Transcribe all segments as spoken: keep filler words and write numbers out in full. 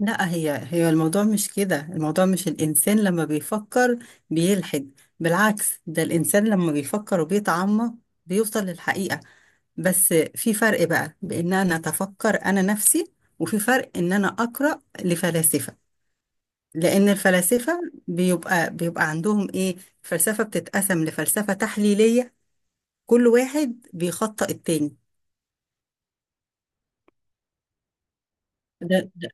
لا هي هي الموضوع مش كده. الموضوع مش الإنسان لما بيفكر بيلحد. بالعكس، ده الإنسان لما بيفكر وبيتعمق بيوصل للحقيقة. بس في فرق بقى بإن أنا أتفكر أنا نفسي، وفي فرق إن أنا أقرأ لفلاسفة. لأن الفلاسفة بيبقى بيبقى عندهم إيه، الفلسفة بتتقسم لفلسفة تحليلية، كل واحد بيخطئ التاني. ده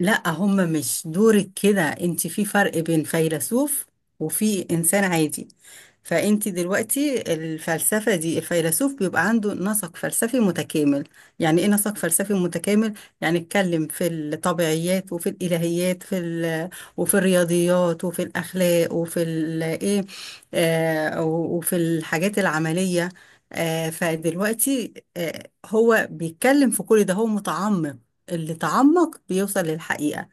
لا، هم مش دورك كده. انت في فرق بين فيلسوف وفي انسان عادي. فانت دلوقتي الفلسفة دي الفيلسوف بيبقى عنده نسق فلسفي متكامل. يعني ايه نسق فلسفي متكامل؟ يعني اتكلم في الطبيعيات وفي الالهيات في ال... وفي الرياضيات وفي الاخلاق وفي ال... ايه، آه وفي الحاجات العملية. آه فدلوقتي آه هو بيتكلم في كل ده، هو متعمق. اللي تعمق بيوصل للحقيقة،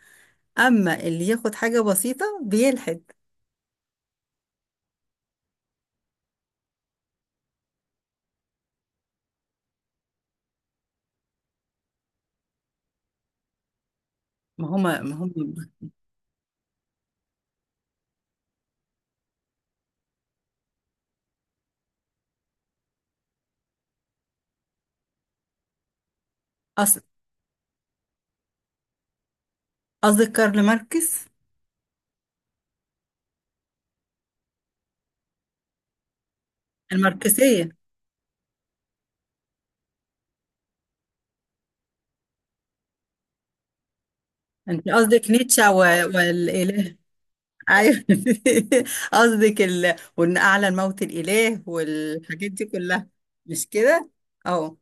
أما اللي ياخد حاجة بسيطة بيلحد. ما هما ما هم أصل، قصدك كارل ماركس؟ الماركسية؟ أنت قصدك نيتشه و... والإله؟ أيوه قصدك ال... وإن أعلى الموت الإله والحاجات دي كلها، مش كده؟ أه.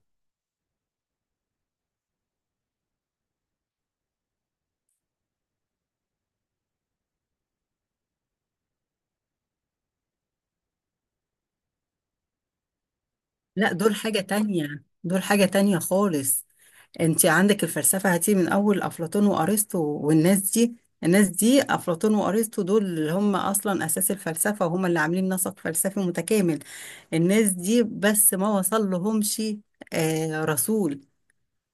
لا، دول حاجة تانية، دول حاجة تانية خالص. انت عندك الفلسفة هتيجي من اول افلاطون وارسطو والناس دي. الناس دي، افلاطون وارسطو، دول اللي هم اصلا اساس الفلسفة وهم اللي عاملين نسق فلسفي متكامل. الناس دي بس ما وصل لهمش آه، رسول.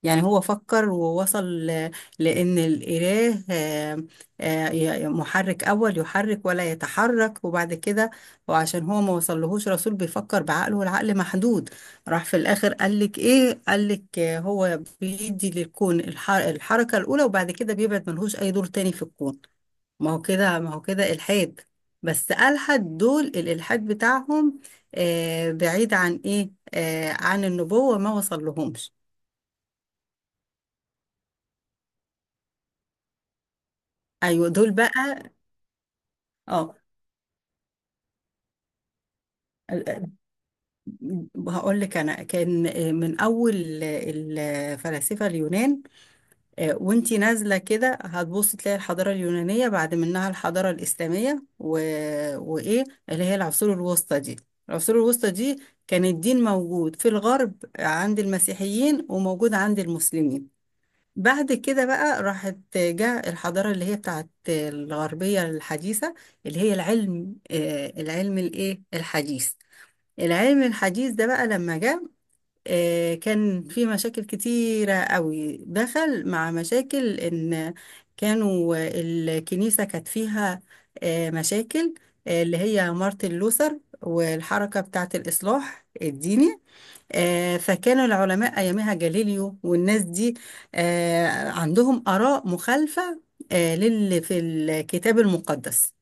يعني هو فكر ووصل ل- لأن الإله آه، آه، ي- محرك أول يحرك ولا يتحرك، وبعد كده وعشان هو ما وصلهوش رسول بيفكر بعقله والعقل محدود، راح في الآخر قالك إيه، قالك آه، هو بيدي للكون الح- الحركة الأولى، وبعد كده بيبعد ملهوش أي دور تاني في الكون. ما هو كده، ما هو كده إلحاد. بس ألحد. دول الإلحاد بتاعهم آه، بعيد عن إيه، آه، عن النبوة، ما وصل لهمش. ايوه، دول بقى. اه، هقول لك انا، كان آه، من اول الفلاسفه اليونان، وانتي نازله كده هتبصي تلاقي الحضاره اليونانيه بعد منها الحضاره الاسلاميه و... وايه اللي هي العصور الوسطى دي. العصور الوسطى دي كان الدين موجود في الغرب عند المسيحيين، وموجود عند المسلمين. بعد كده بقى راحت جاء الحضاره اللي هي بتاعت الغربيه الحديثه، اللي هي العلم آه، العلم الايه، الحديث. العلم الحديث ده بقى لما جه، آه، كان في مشاكل كتيرة قوي، دخل مع مشاكل إن كانوا الكنيسة كانت فيها آه، مشاكل، آه، اللي هي مارتن لوثر والحركة بتاعة الإصلاح الديني. آه، فكانوا العلماء أيامها جاليليو والناس دي آه، عندهم آراء مخالفة آه، للي في الكتاب المقدس.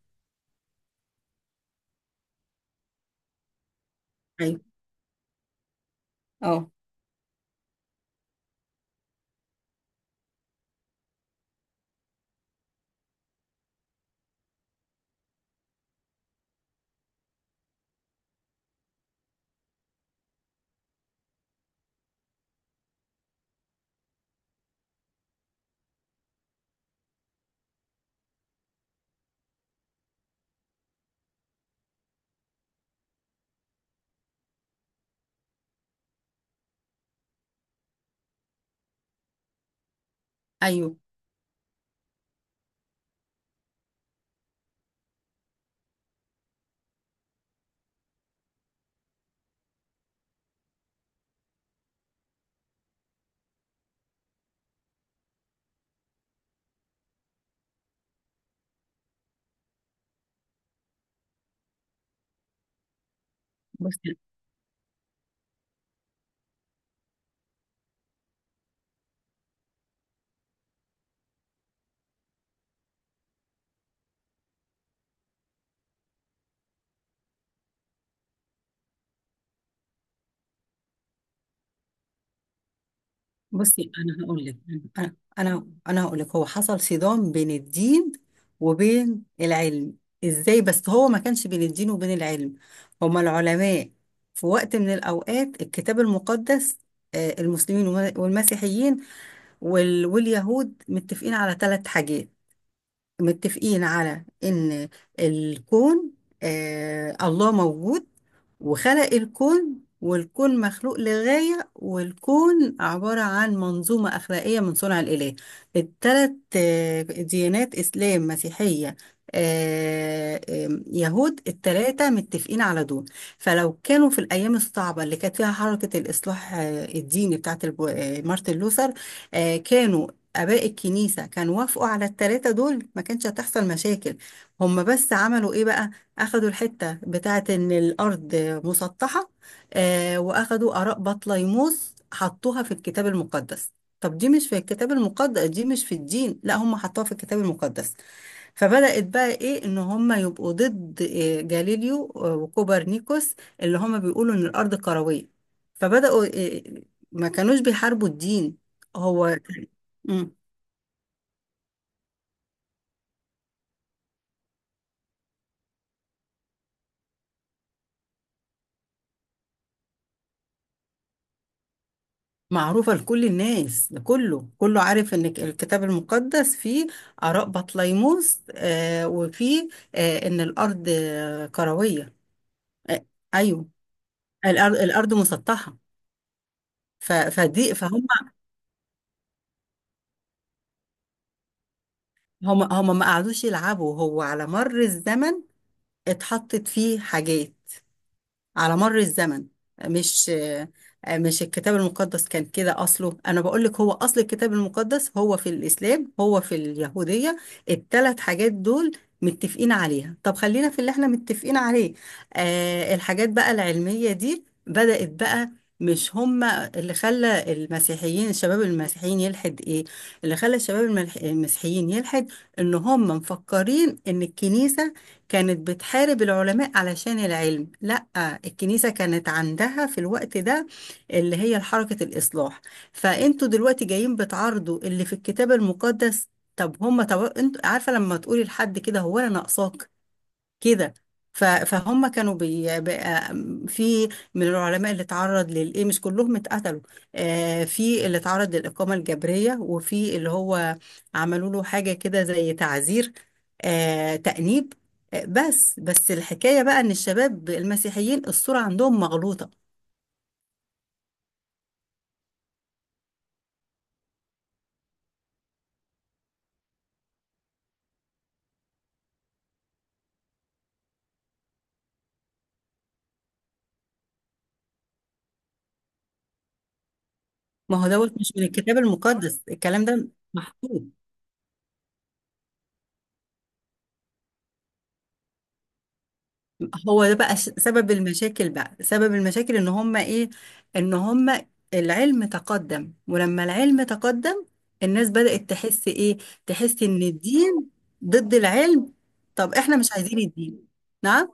أيوه. أه. أيوه. بص، بصي انا هقول لك انا انا أنا هقول لك هو حصل صدام بين الدين وبين العلم. ازاي؟ بس هو ما كانش بين الدين وبين العلم، هما العلماء في وقت من الاوقات الكتاب المقدس، آه، المسلمين والم- والمسيحيين وال- واليهود متفقين على ثلاث حاجات. متفقين على ان الكون آه الله موجود وخلق الكون، والكون مخلوق لغاية، والكون عبارة عن منظومة أخلاقية من صنع الإله. الثلاث آه، ديانات، إسلام، مسيحية، آه، آم، يهود، الثلاثة متفقين على دول. فلو كانوا في الأيام الصعبة اللي كانت فيها حركة الإصلاح آه، الديني بتاعت الب- آه، مارتن لوثر، آه، كانوا آباء الكنيسة كانوا وافقوا على التلاتة دول، ما كانش هتحصل مشاكل. هم بس عملوا إيه بقى، أخدوا الحتة بتاعت إن الأرض مسطحة، آه وأخدوا آراء بطليموس حطوها في الكتاب المقدس. طب دي مش في الكتاب المقدس، دي مش في الدين، لا هم حطوها في الكتاب المقدس. فبدأت بقى إيه، إن هم يبقوا ضد آه، جاليليو آه، وكوبرنيكوس، اللي هم بيقولوا إن الأرض كروية. فبدأوا، آه، ما كانوش بيحاربوا الدين. هو مم. معروفة لكل الناس، لكله، كله عارف ان ك- الكتاب المقدس فيه آراء بطليموس آه وفيه آه ان الارض آه، كروية. آه. ايوه. الارض الارض مسطحة. ف- فدي فهم. هم هم ما قعدوش يلعبوا، هو على مر الزمن اتحطت فيه حاجات على مر الزمن. مش مش الكتاب المقدس كان كده أصله. أنا بقول لك، هو أصل الكتاب المقدس هو في الإسلام، هو في اليهودية، الثلاث حاجات دول متفقين عليها. طب خلينا في اللي احنا متفقين عليه. آه الحاجات بقى العلمية دي بدأت بقى مش هما اللي خلى المسيحيين الشباب المسيحيين يلحد. ايه اللي خلى الشباب الملح- المسيحيين يلحد، ان هم مفكرين ان الكنيسة كانت بتحارب العلماء علشان العلم. لا، الكنيسة كانت عندها في الوقت ده اللي هي حركة الإصلاح، فأنتوا دلوقتي جايين بتعارضوا اللي في الكتاب المقدس. طب هما، طب انتوا عارفة لما تقولي لحد كده، هو أنا ناقصاك كده؟ ف- فهم كانوا بي بقى- في من العلماء اللي اتعرض للايه، مش كلهم اتقتلوا. آه، في اللي اتعرض للإقامة الجبرية، وفي اللي هو عملوا له حاجة كده زي تعزير، آه، تأنيب. آه، بس بس الحكاية بقى إن الشباب المسيحيين الصورة عندهم مغلوطة. ما هو دوت مش من الكتاب المقدس الكلام ده، محطوط. هو ده بقى ش- سبب المشاكل، بقى سبب المشاكل ان هم ايه، ان هم العلم تقدم، ولما العلم تقدم الناس بدأت تحس ايه، تحس ان الدين ضد العلم. طب احنا مش عايزين الدين. نعم.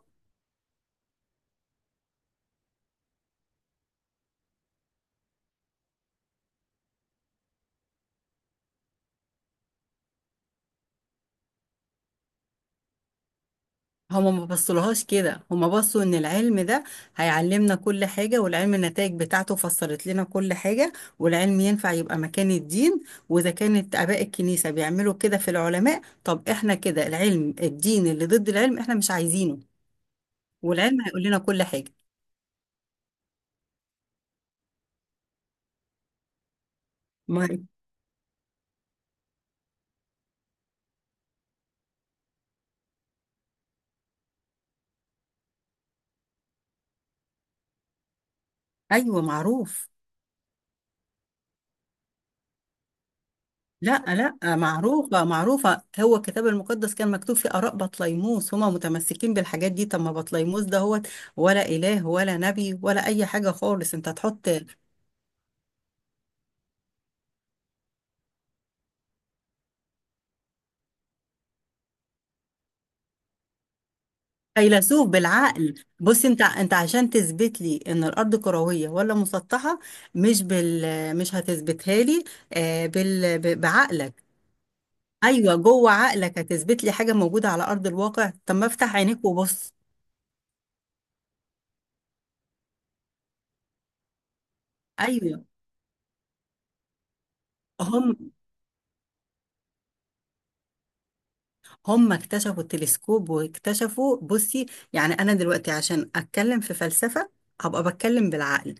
هما ما بصلهاش كده، هما بصوا ان العلم ده هيعلمنا كل حاجة، والعلم النتائج بتاعته فسرت لنا كل حاجة، والعلم ينفع يبقى مكان الدين، واذا كانت اباء الكنيسة بيعملوا كده في العلماء، طب احنا كده العلم، الدين اللي ضد العلم احنا مش عايزينه، والعلم هيقول لنا كل حاجة. ما ايوه، معروف. لا، لا معروفة، معروفة هو الكتاب المقدس كان مكتوب فيه آراء بطليموس، هما متمسكين بالحاجات دي. طب ما بطليموس دهوت ولا إله ولا نبي ولا أي حاجة خالص، أنت تحط فيلسوف بالعقل. بص، أنت أنت عشان تثبت لي إن الأرض كروية ولا مسطحة، مش بال مش هتثبتها لي آه، بال ب- بعقلك. أيوه، جوه عقلك هتثبت لي حاجة موجودة على أرض الواقع؟ طب ما افتح عينيك وبص. أيوه. هم هم اكتشفوا التلسكوب واكتشفوا. بصي، يعني انا دلوقتي عشان اتكلم في فلسفة هبقى بتكلم بالعقل،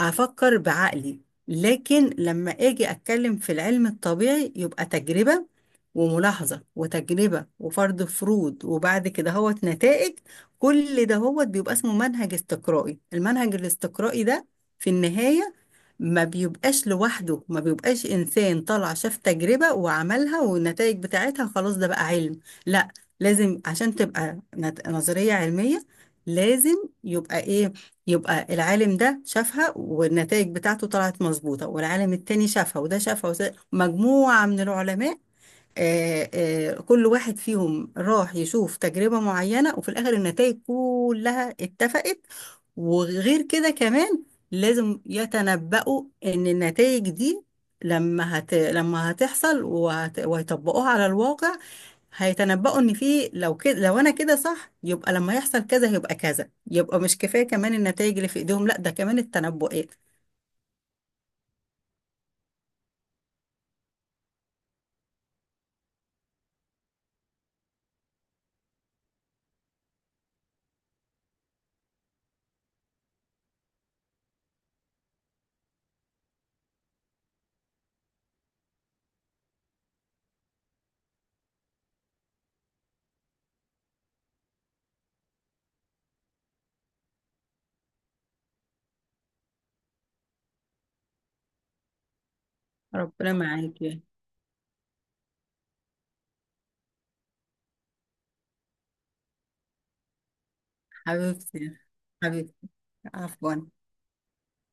افكر بعقلي. لكن لما اجي اتكلم في العلم الطبيعي يبقى تجربة وملاحظة وتجربة وفرض فروض، وبعد كده هوت نتائج. كل ده هوت بيبقى اسمه منهج استقرائي. المنهج الاستقرائي ده في النهاية ما بيبقاش لوحده، ما بيبقاش إنسان طلع شاف تجربة وعملها والنتائج بتاعتها خلاص ده بقى علم. لا، لازم عشان تبقى نت- نظرية علمية، لازم يبقى ايه، يبقى العالم ده شافها والنتائج بتاعته طلعت مظبوطة، والعالم التاني شافها، وده شافها، وده مجموعة من العلماء، آه، آه، كل واحد فيهم راح يشوف تجربة معينة، وفي الآخر النتائج كلها اتفقت. وغير كده كمان، لازم يتنبؤوا ان النتائج دي لما هت... لما هتحصل وهت... ويطبقوها على الواقع، هيتنبؤوا ان في، لو كده، لو انا كده صح يبقى لما يحصل كذا هيبقى كذا، يبقى مش كفاية كمان النتائج اللي في ايديهم، لا ده كمان التنبؤات. ربنا معاكي. حبيبتي، حبيبتي، عفوا،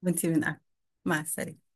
وانتي من أهل. مع السلامة.